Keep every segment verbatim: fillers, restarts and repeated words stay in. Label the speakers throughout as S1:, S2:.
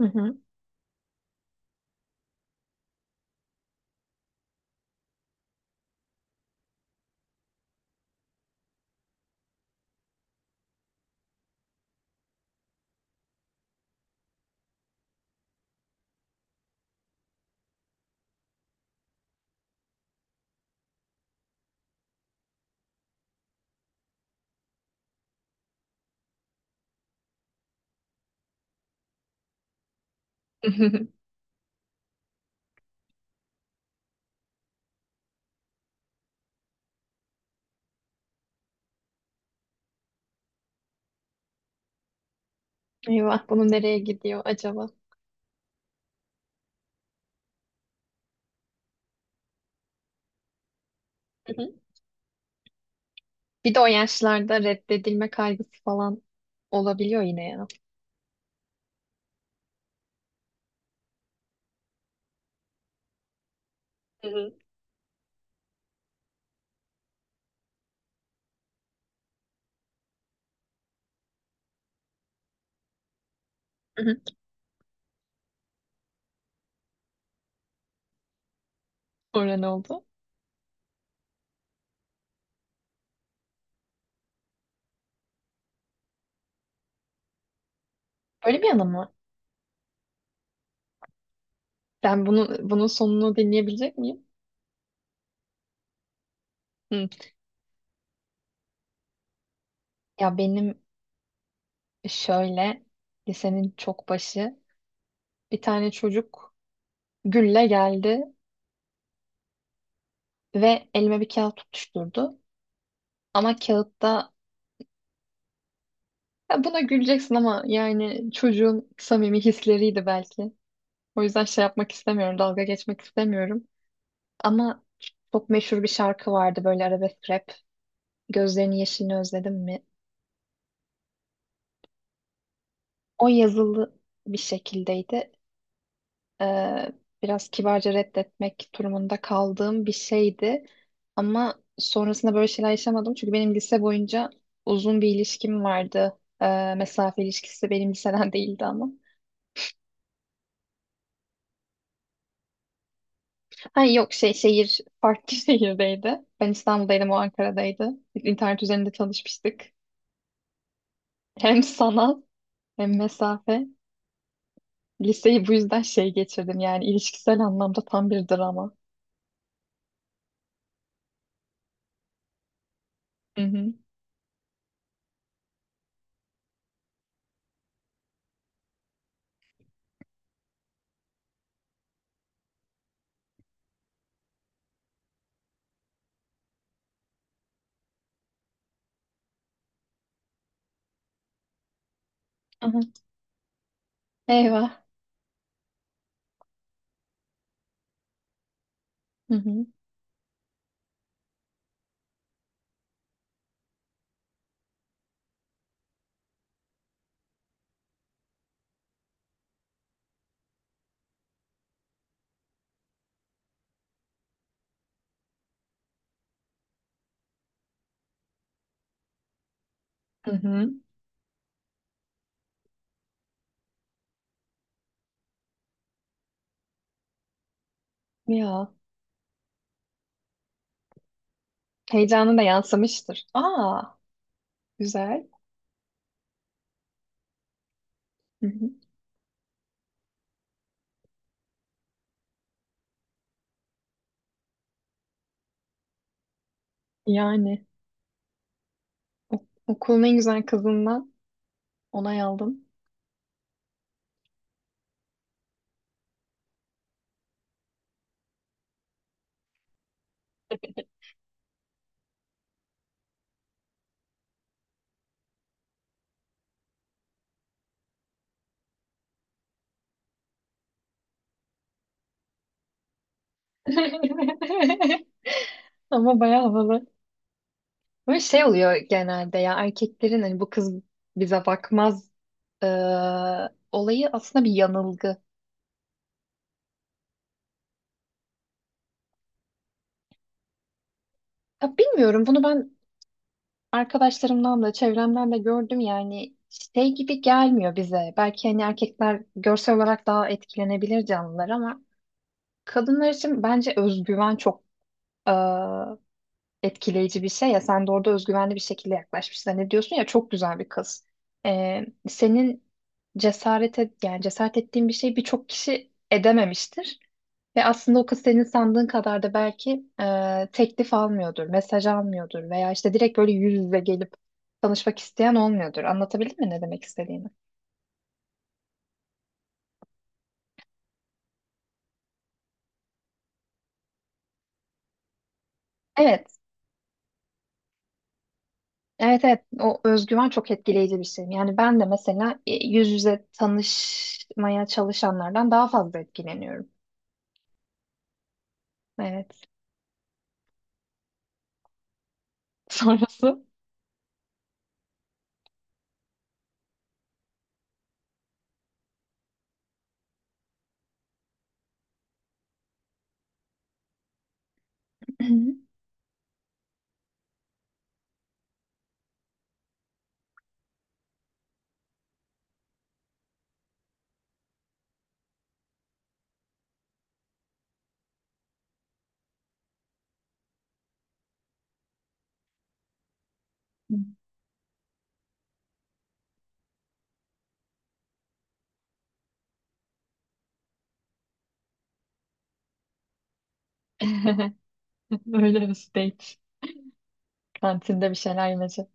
S1: Hı hı. Eyvah bunu nereye gidiyor acaba? Hı hı. Bir de o yaşlarda reddedilme kaygısı falan olabiliyor yine ya. Hı hı. Hı hı. Sonra ne oldu? Böyle bir yanı mı? Ben bunu, bunun sonunu dinleyebilecek miyim? Hı. Ya benim şöyle lisenin çok başı bir tane çocuk gülle geldi ve elime bir kağıt tutuşturdu. Ama kağıtta ya buna güleceksin ama yani çocuğun samimi hisleriydi belki. O yüzden şey yapmak istemiyorum, dalga geçmek istemiyorum. Ama çok meşhur bir şarkı vardı böyle arabesk rap. Gözlerinin yeşilini özledim mi? O yazılı bir şekildeydi. Ee, Biraz kibarca reddetmek durumunda kaldığım bir şeydi. Ama sonrasında böyle şeyler yaşamadım. Çünkü benim lise boyunca uzun bir ilişkim vardı. Ee, mesafe ilişkisi benim liseden değildi ama. Ha yok, şey şehir farklı şehirdeydi. Ben İstanbul'daydım, o Ankara'daydı. İnternet üzerinde tanışmıştık. Hem sanat, hem mesafe. Liseyi bu yüzden şey geçirdim, yani ilişkisel anlamda tam bir drama. Hı hı. Aha. Eyvah. Hı hı. Hı hı. Ya, heyecanı da yansımıştır. Aa, güzel. Hı hı. Yani okulun en güzel kızından onay aldım. Ama bayağı havalı. Böyle şey oluyor genelde ya, erkeklerin hani bu kız bize bakmaz eee, olayı aslında bir yanılgı. Ya bilmiyorum bunu ben. Arkadaşlarımdan da, çevremden de gördüm yani şey gibi gelmiyor bize. Belki hani erkekler görsel olarak daha etkilenebilir canlılar ama kadınlar için bence özgüven çok e, etkileyici bir şey ya. Sen de orada özgüvenli bir şekilde yaklaşmışsın. Hani diyorsun ya, çok güzel bir kız. E, Senin cesarete, yani cesaret ettiğin bir şey birçok kişi edememiştir. Ve aslında o kız senin sandığın kadar da belki e, teklif almıyordur, mesaj almıyordur veya işte direkt böyle yüz yüze gelip tanışmak isteyen olmuyordur. Anlatabildim mi ne demek istediğimi? Evet, evet, evet. O özgüven çok etkileyici bir şey. Yani ben de mesela e, yüz yüze tanışmaya çalışanlardan daha fazla etkileniyorum. Evet. Sonrası öyle bir date. Kantinde bir şeyler yemesi.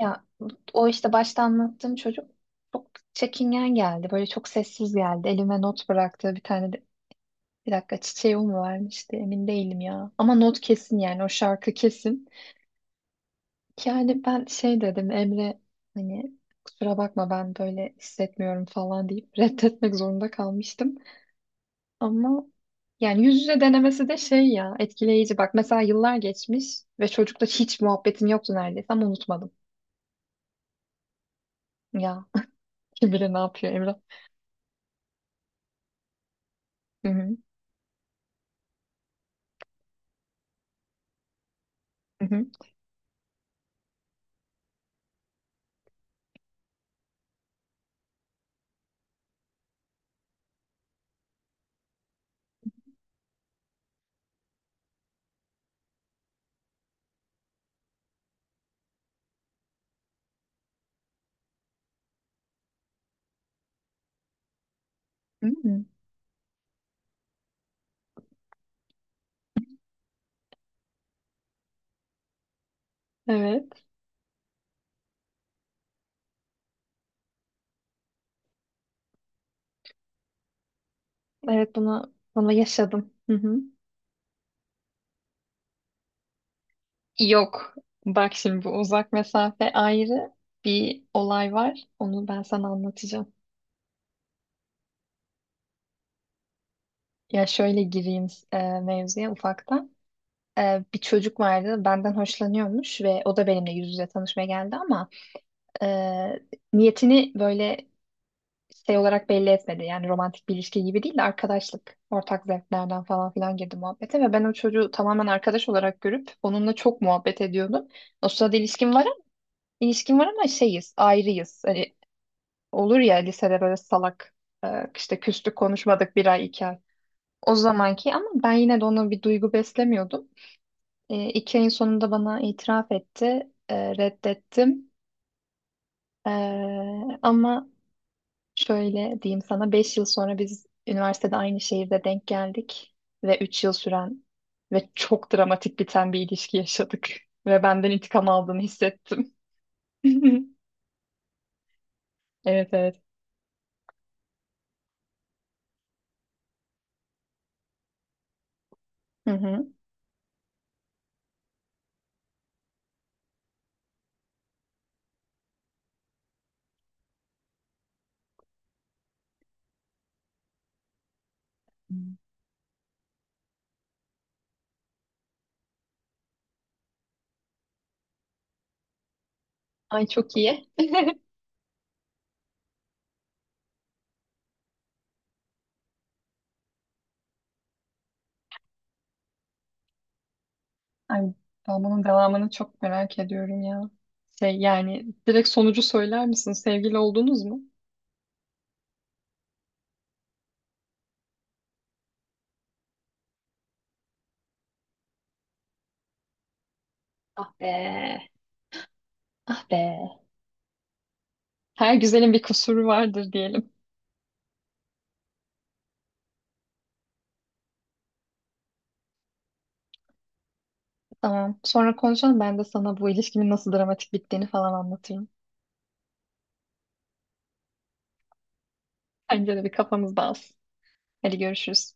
S1: Ya, o işte başta anlattığım çocuk çok çekingen geldi. Böyle çok sessiz geldi. Elime not bıraktı. Bir tane de bir dakika, çiçeği o mu vermişti? Emin değilim ya. Ama not kesin, yani o şarkı kesin. Yani ben şey dedim, Emre, hani kusura bakma, ben böyle hissetmiyorum falan deyip reddetmek zorunda kalmıştım. Ama yani yüz yüze denemesi de şey ya, etkileyici. Bak mesela yıllar geçmiş ve çocukla hiç muhabbetim yoktu neredeyse ama unutmadım. Ya, kim bilir ne yapıyor Emre. Hı hı. hı hı. Hmm. Evet. Evet, bunu bunu yaşadım. Hı hı. Yok. Bak şimdi bu uzak mesafe ayrı bir olay var. Onu ben sana anlatacağım. Ya şöyle gireyim e, mevzuya ufaktan. E, bir çocuk vardı benden hoşlanıyormuş ve o da benimle yüz yüze tanışmaya geldi ama e, niyetini böyle şey olarak belli etmedi. Yani romantik bir ilişki gibi değil de arkadaşlık, ortak zevklerden falan filan girdi muhabbete ve ben o çocuğu tamamen arkadaş olarak görüp onunla çok muhabbet ediyordum. O sırada ilişkim var ama, ilişkim var ama şeyiz, ayrıyız. Hani olur ya lisede böyle salak, e, işte küstük, konuşmadık bir ay, iki ay. O zamanki ama ben yine de ona bir duygu beslemiyordum. E, iki ayın sonunda bana itiraf etti. E, reddettim. E, ama Şöyle diyeyim sana, beş yıl sonra biz üniversitede aynı şehirde denk geldik ve üç yıl süren ve çok dramatik biten bir ilişki yaşadık ve benden intikam aldığını hissettim. Evet, evet. Hı hı. Ay, çok iyi. Ay, ben bunun devamını çok merak ediyorum ya. Şey, yani direkt sonucu söyler misin? Sevgili oldunuz mu? Ah be. Ah be. Her güzelin bir kusuru vardır diyelim. Tamam. Sonra konuşalım. Ben de sana bu ilişkimin nasıl dramatik bittiğini falan anlatırım. Önce de bir kafamız dağılsın. Hadi görüşürüz.